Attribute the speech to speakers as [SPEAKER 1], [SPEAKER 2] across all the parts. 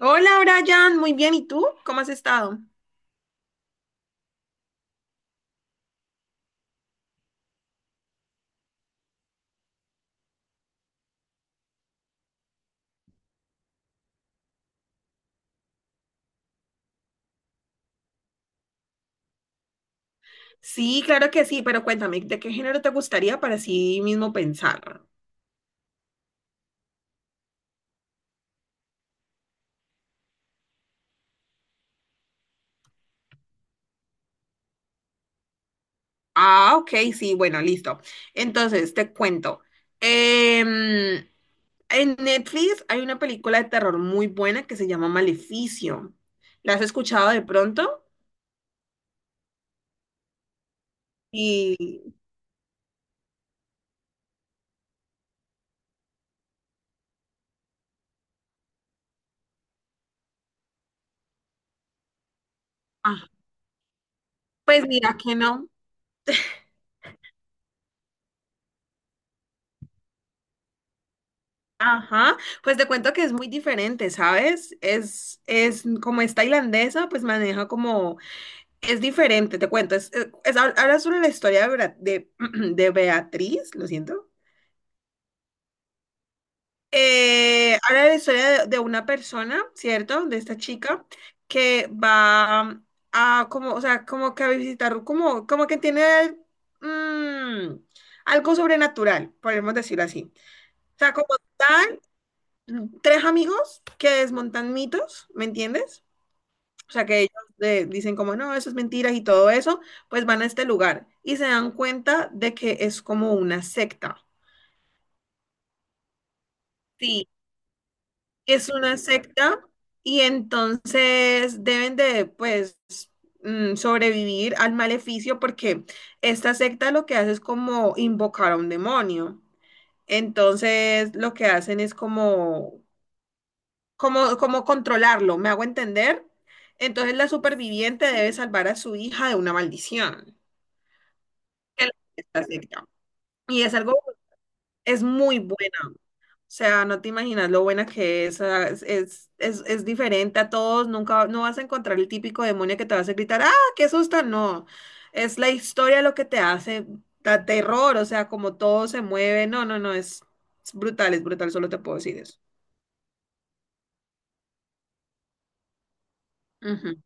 [SPEAKER 1] Hola Brian, muy bien. ¿Y tú? ¿Cómo has estado? Sí, claro que sí, pero cuéntame, ¿de qué género te gustaría para sí mismo pensar? Ah, ok, sí, bueno, listo. Entonces, te cuento. Em, en Netflix hay una película de terror muy buena que se llama Maleficio. ¿La has escuchado de pronto? Y, ah, pues mira que no. Ajá, pues te cuento que es muy diferente, ¿sabes? Es como es tailandesa, pues maneja como es diferente, te cuento. Ahora sobre la historia de, de Beatriz, lo siento. Ahora la historia de una persona, ¿cierto? De esta chica que va a como, o sea, como que a visitar, como, como que tiene mm, algo sobrenatural, podemos decirlo así. O sea, como tal, tres amigos que desmontan mitos, ¿me entiendes? O sea, que ellos dicen como, no, eso es mentira y todo eso, pues van a este lugar y se dan cuenta de que es como una secta. Sí, es una secta y entonces deben de, pues, sobrevivir al maleficio porque esta secta lo que hace es como invocar a un demonio. Entonces, lo que hacen es como, como controlarlo, ¿me hago entender? Entonces, la superviviente debe salvar a su hija de una maldición que la fiesta secta. Y es algo, es muy buena. O sea, no te imaginas lo buena que es. Es, es diferente a todos. Nunca no vas a encontrar el típico demonio que te va a hacer gritar, ¡ah, qué susto! No. Es la historia lo que te hace, da terror, o sea, como todo se mueve. No, no, no, es brutal, solo te puedo decir eso. Ujú.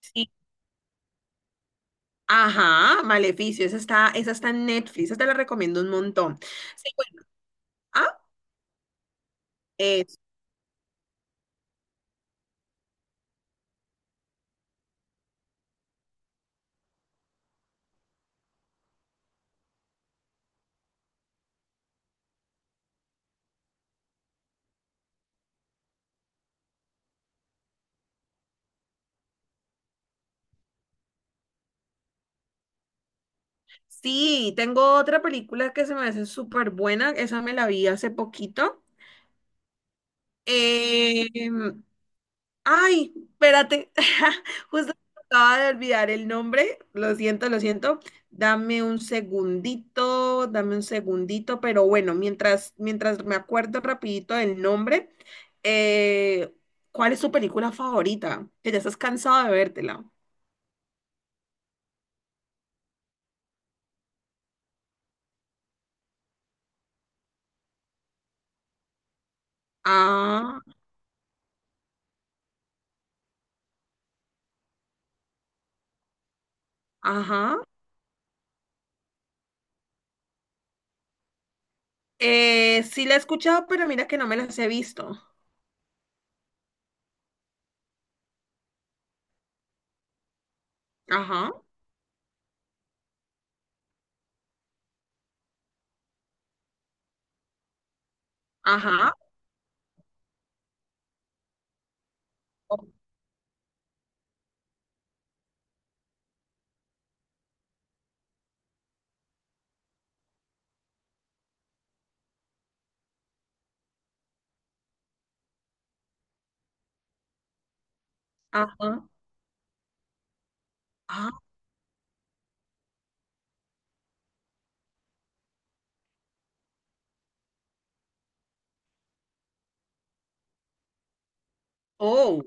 [SPEAKER 1] Sí. Ajá, Maleficio, esa está en Netflix, esa te la recomiendo un montón. Sí, bueno, ah, eh, sí, tengo otra película que se me hace súper buena, esa me la vi hace poquito. Eh, ay, espérate, justo me acaba de olvidar el nombre, lo siento, lo siento. Dame un segundito, pero bueno, mientras me acuerdo rapidito del nombre, eh, ¿cuál es tu película favorita? Que ya estás cansado de vértela. Ah, ajá. Sí la he escuchado, pero mira que no me las he visto. Ajá, ajá, o- ajá, ajá, oh,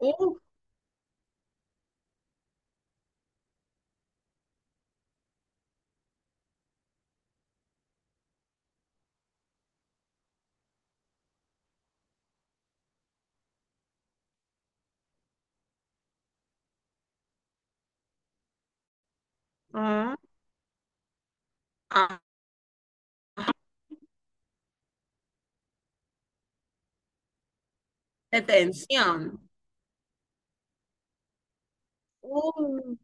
[SPEAKER 1] uh, ah, ah, detención. Uh,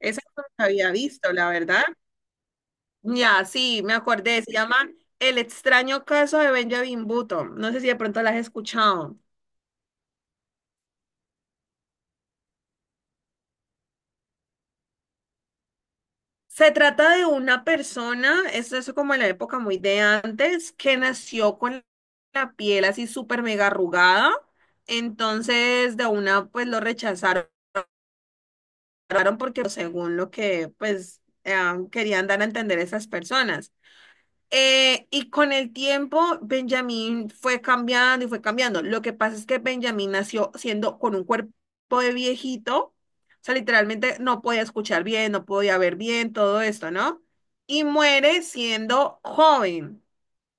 [SPEAKER 1] esa no la había visto, la verdad. Ya, sí, me acordé, se llama El extraño caso de Benjamin Button. No sé si de pronto la has escuchado. Se trata de una persona, es eso como en la época muy de antes, que nació con la piel así súper mega arrugada. Entonces, de una, pues lo rechazaron cerraron porque pues, según lo que pues querían dar a entender esas personas. Y con el tiempo Benjamín fue cambiando y fue cambiando. Lo que pasa es que Benjamín nació siendo con un cuerpo de viejito, o sea, literalmente no podía escuchar bien, no podía ver bien, todo esto, ¿no? Y muere siendo joven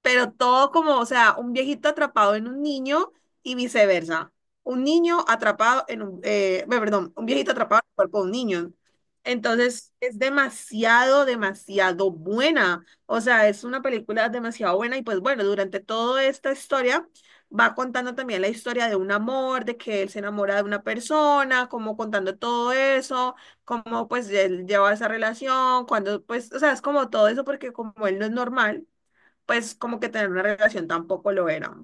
[SPEAKER 1] pero todo como, o sea, un viejito atrapado en un niño y viceversa. Un niño atrapado en un, bueno, perdón, un viejito atrapado en el cuerpo de un niño. Entonces, es demasiado, demasiado buena. O sea, es una película demasiado buena y pues bueno, durante toda esta historia va contando también la historia de un amor, de que él se enamora de una persona, como contando todo eso, cómo pues él lleva esa relación, cuando pues, o sea, es como todo eso porque como él no es normal pues como que tener una relación tampoco lo era.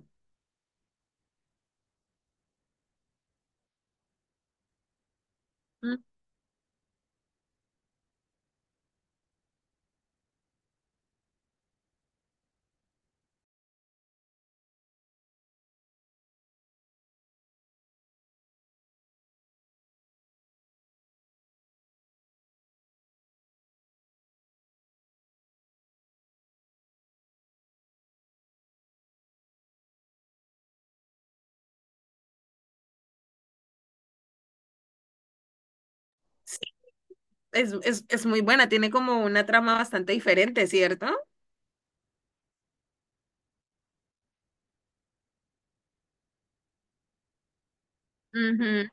[SPEAKER 1] Mm, sí, es muy buena, tiene como una trama bastante diferente, ¿cierto? Ujú.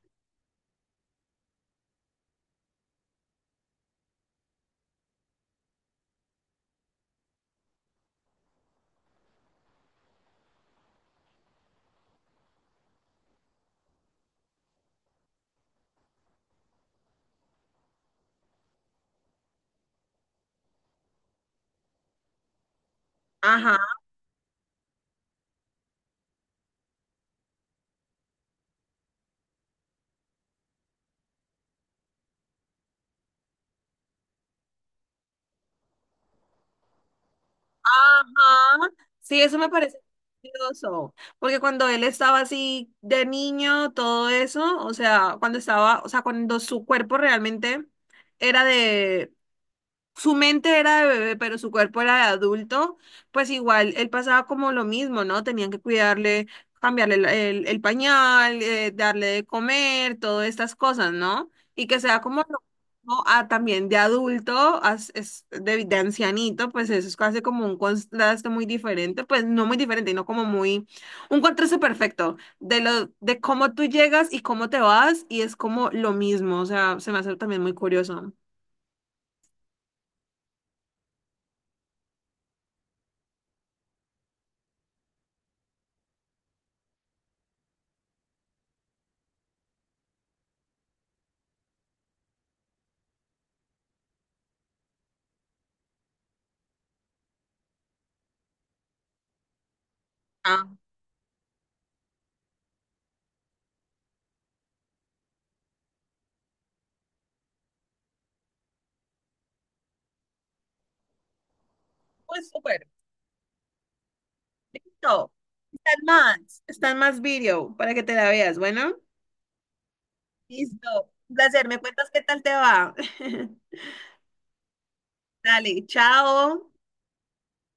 [SPEAKER 1] Ajá, ajá. Sí, eso me parece curioso, porque cuando él estaba así de niño, todo eso, o sea, cuando estaba, o sea, cuando su cuerpo realmente era de su mente era de bebé, pero su cuerpo era de adulto, pues igual él pasaba como lo mismo, ¿no? Tenían que cuidarle, cambiarle el pañal, darle de comer, todas estas cosas, ¿no? Y que sea como lo mismo a, también de adulto, a- es de ancianito, pues eso es casi como un contraste muy diferente, pues no muy diferente, sino como muy, un contraste perfecto de lo, de cómo tú llegas y cómo te vas, y es como lo mismo, o sea, se me hace también muy curioso. Ah, pues súper. Listo. Están más video para que te la veas. Bueno, listo. Un placer. ¿Me cuentas qué tal te va? Dale, chao.